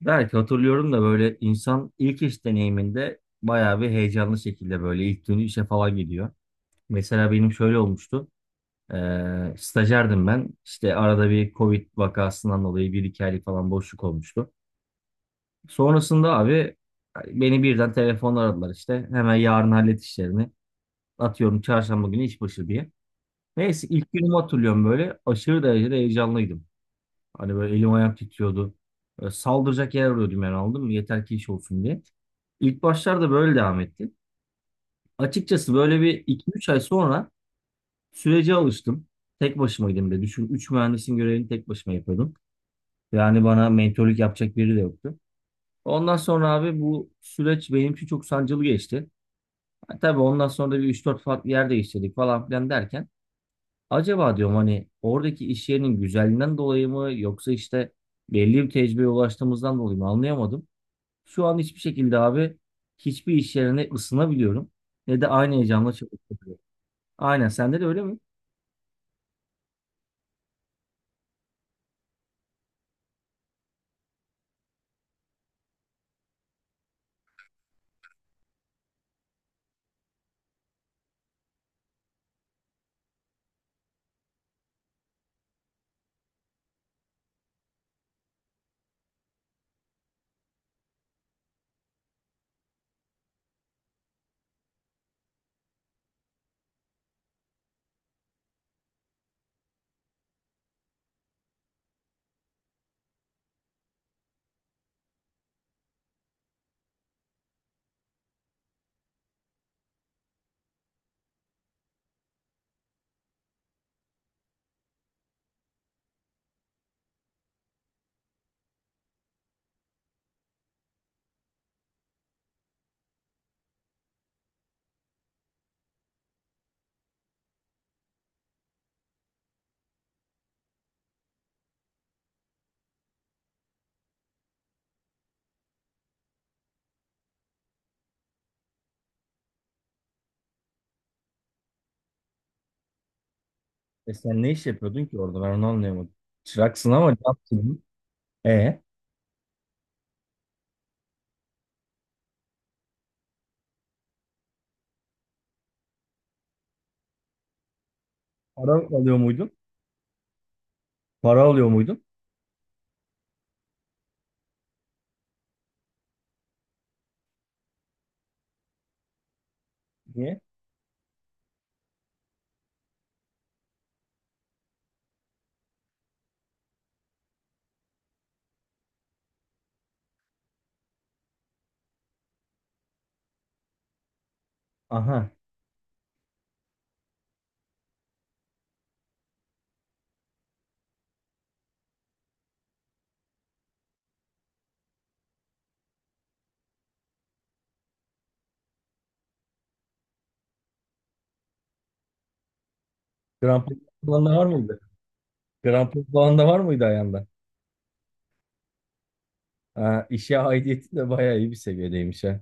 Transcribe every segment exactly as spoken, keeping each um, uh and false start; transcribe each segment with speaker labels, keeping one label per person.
Speaker 1: Belki hatırlıyorum da böyle insan ilk iş deneyiminde bayağı bir heyecanlı şekilde böyle ilk günü işe falan gidiyor. Mesela benim şöyle olmuştu. Ee, stajyerdim ben. İşte arada bir Covid vakasından dolayı bir iki aylık falan boşluk olmuştu. Sonrasında abi hani beni birden telefonla aradılar işte. Hemen yarın hallet işlerini. Atıyorum çarşamba günü iş başı diye. Neyse ilk günümü hatırlıyorum böyle. Aşırı derecede heyecanlıydım. Hani böyle elim ayağım titriyordu. Böyle saldıracak yer arıyordum yani aldım mı? Yeter ki iş olsun diye. İlk başlarda böyle devam etti. Açıkçası böyle bir iki üç ay sonra sürece alıştım. Tek başımaydım de. Düşün üç mühendisin görevini tek başıma yapıyordum. Yani bana mentorluk yapacak biri de yoktu. Ondan sonra abi bu süreç benim için çok sancılı geçti. Ha, tabii ondan sonra da bir üç dört farklı yer değiştirdik falan filan derken acaba diyorum hani oradaki iş yerinin güzelliğinden dolayı mı yoksa işte belli bir tecrübeye ulaştığımızdan dolayı mı anlayamadım. Şu an hiçbir şekilde abi hiçbir iş yerine ısınabiliyorum. Ne de aynı heyecanla çalışabiliyorum. Aynen sende de öyle mi? E sen ne iş yapıyordun ki orada ben onu anlayamadım. Çıraksın ama ne yaptın? E para alıyor muydun? Para alıyor muydun? Niye? Aha. Grand Prix falan da var mıydı? Grand Prix falan da var mıydı ayağında? Ha, işe aidiyeti de bayağı iyi bir seviyedeymiş ha.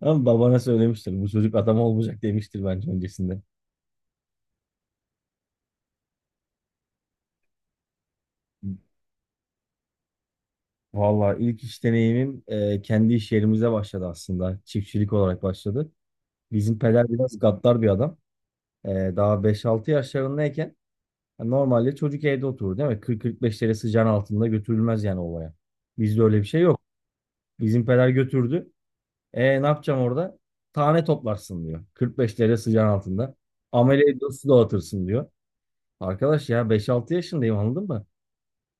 Speaker 1: Ama babana söylemiştir. Bu çocuk adam olmayacak demiştir bence öncesinde. Valla ilk iş deneyimim e, kendi iş yerimize başladı aslında. Çiftçilik olarak başladı. Bizim peder biraz gaddar bir adam. E, Daha beş altı yaşlarındayken yani normalde çocuk evde oturur değil mi? Kırk kırk beş derece sıcağın altında götürülmez yani olaya. Bizde öyle bir şey yok. Bizim peder götürdü. E ne yapacağım orada? Tane toplarsın diyor. Kırk beş derece sıcağın altında. Amele ediyor su dağıtırsın diyor. Arkadaş ya beş altı yaşındayım anladın mı?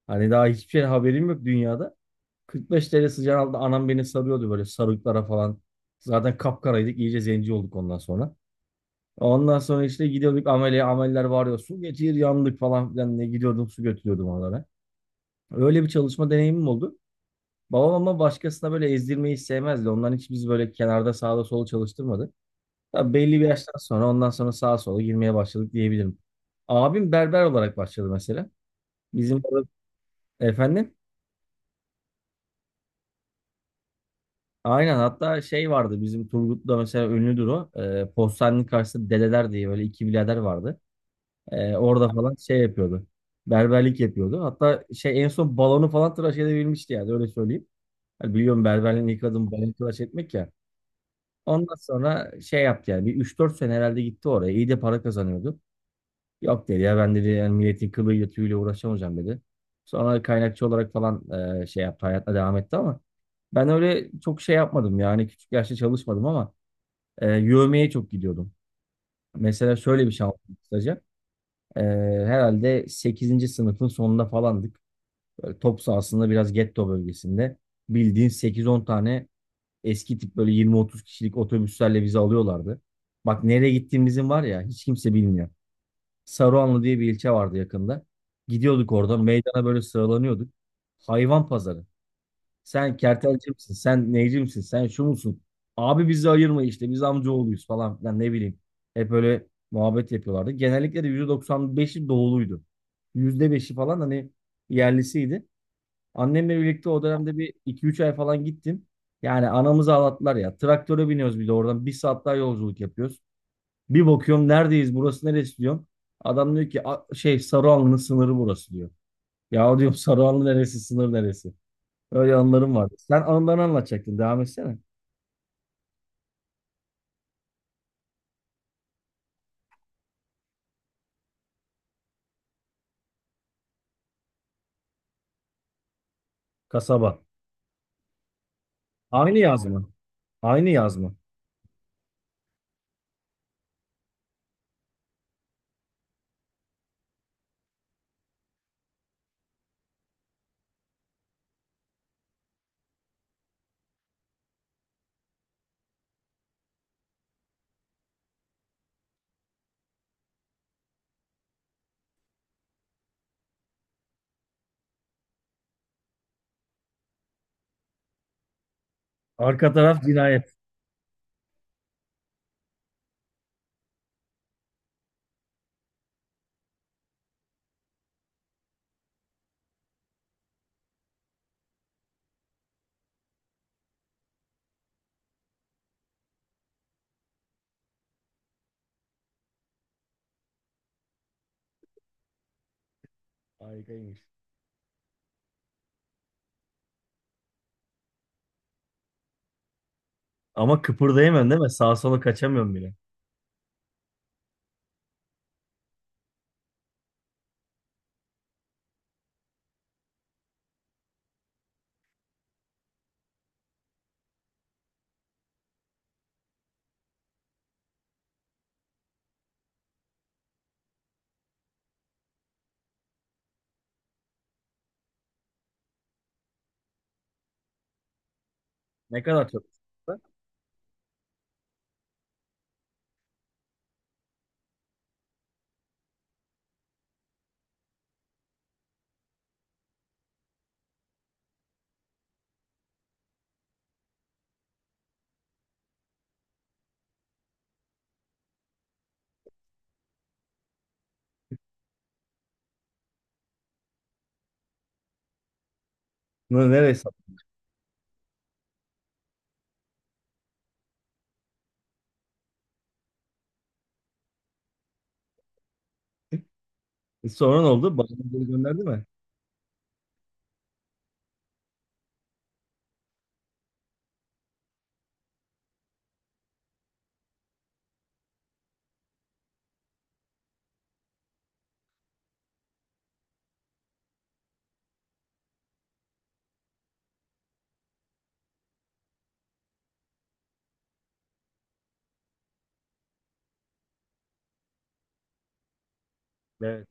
Speaker 1: Hani daha hiçbir şey haberim yok dünyada. kırk beş derece sıcağın altında anam beni sarıyordu böyle sarıklara falan. Zaten kapkaraydık iyice zenci olduk ondan sonra. Ondan sonra işte gidiyorduk amele ameller varıyor. Su getir yandık falan filan ne gidiyordum su götürüyordum onlara. Öyle bir çalışma deneyimim oldu. Babam ama başkasına böyle ezdirmeyi sevmezdi. Ondan hiç biz böyle kenarda sağda sola çalıştırmadı. Tabii belli bir yaştan sonra ondan sonra sağa sola girmeye başladık diyebilirim. Abim berber olarak başladı mesela. Bizim orada efendim. Aynen hatta şey vardı bizim Turgut'ta mesela ünlüdür o. Ee, postanenin karşısında dedeler diye böyle iki birader vardı. Ee, orada falan şey yapıyordu. Berberlik yapıyordu. Hatta şey en son balonu falan tıraş edebilmişti yani öyle söyleyeyim. Hani biliyorum berberliğin ilk adımı balon tıraş etmek ya. Ondan sonra şey yaptı yani bir üç dört sene herhalde gitti oraya. İyi de para kazanıyordu. Yok dedi ya ben dedi yani milletin kılıyla tüyüyle uğraşamayacağım dedi. Sonra kaynakçı olarak falan e, şey yaptı hayatına devam etti ama ben öyle çok şey yapmadım yani küçük yaşta çalışmadım ama e, yövmeye çok gidiyordum. Mesela şöyle bir şey anlatayım kısaca. E, Herhalde sekizinci sınıfın sonunda falandık. Böyle top sahasında biraz getto bölgesinde. Bildiğin sekiz on tane eski tip böyle yirmi otuz kişilik otobüslerle bizi alıyorlardı. Bak nereye gittiğimizin var ya hiç kimse bilmiyor. Saruhanlı diye bir ilçe vardı yakında. Gidiyorduk oradan meydana böyle sıralanıyorduk. Hayvan pazarı. Sen kertelci misin? Sen neyci misin? Sen şu musun? Abi bizi ayırma işte. Biz amcaoğluyuz falan filan ne bileyim. Hep öyle muhabbet yapıyorlardı. Genellikle de yüzde doksan beşi doğuluydu. Yüzde beşi falan hani yerlisiydi. Annemle birlikte o dönemde bir iki üç ay falan gittim. Yani anamızı ağlattılar ya. Traktöre biniyoruz bir de oradan. Bir saat daha yolculuk yapıyoruz. Bir bakıyorum neredeyiz? Burası neresi diyorum. Adam diyor ki "A- şey Sarıhanlı'nın sınırı burası diyor." Ya diyorum Sarıhanlı neresi sınır neresi? Öyle anılarım vardı. Sen anılarını anlatacaktın. Devam etsene. Kasaba. Aynı yazma. Aynı yazma. Arka taraf cinayet. Harikaymış. Ama kıpırdayamıyorsun değil mi? Sağa sola kaçamıyorum bile. Ne kadar çok. Bunu nereye sattın? Sonra ne oldu? Bana geri gönderdi mi? Evet.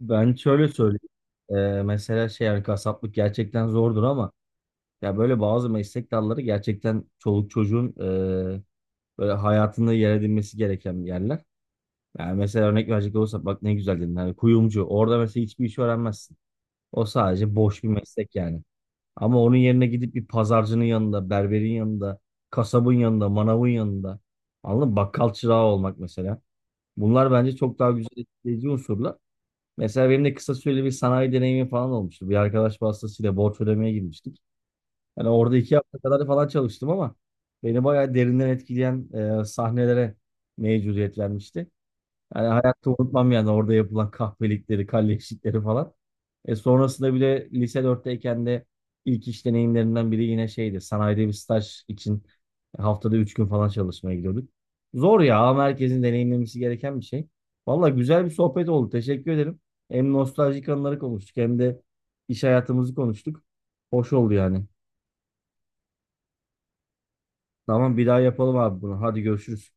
Speaker 1: Ben şöyle söyleyeyim. Ee, mesela şey yani kasaplık gerçekten zordur ama ya böyle bazı meslek dalları gerçekten çoluk çocuğun ee, böyle hayatında yer edinmesi gereken yerler. Yani mesela örnek verecek olursak bak ne güzel dedin. Hani kuyumcu. Orada mesela hiçbir iş öğrenmezsin. O sadece boş bir meslek yani. Ama onun yerine gidip bir pazarcının yanında, berberin yanında, kasabın yanında, manavın yanında. Anladın mı? Bakkal çırağı olmak mesela. Bunlar bence çok daha güzel etkileyici unsurlar. Mesela benim de kısa süreli bir sanayi deneyimi falan olmuştu. Bir arkadaş vasıtasıyla borç ödemeye girmiştik. Yani orada iki hafta kadar falan çalıştım ama beni bayağı derinden etkileyen e, sahnelere mevcudiyet vermişti. Yani hayatta unutmam yani orada yapılan kahpelikleri, kalleşlikleri falan. E sonrasında bile lise dörtteyken de ilk iş deneyimlerimden biri yine şeydi. Sanayide bir staj için haftada üç gün falan çalışmaya gidiyorduk. Zor ya ama herkesin deneyimlemesi gereken bir şey. Valla güzel bir sohbet oldu. Teşekkür ederim. Hem nostaljik anıları konuştuk hem de iş hayatımızı konuştuk. Hoş oldu yani. Tamam bir daha yapalım abi bunu. Hadi görüşürüz.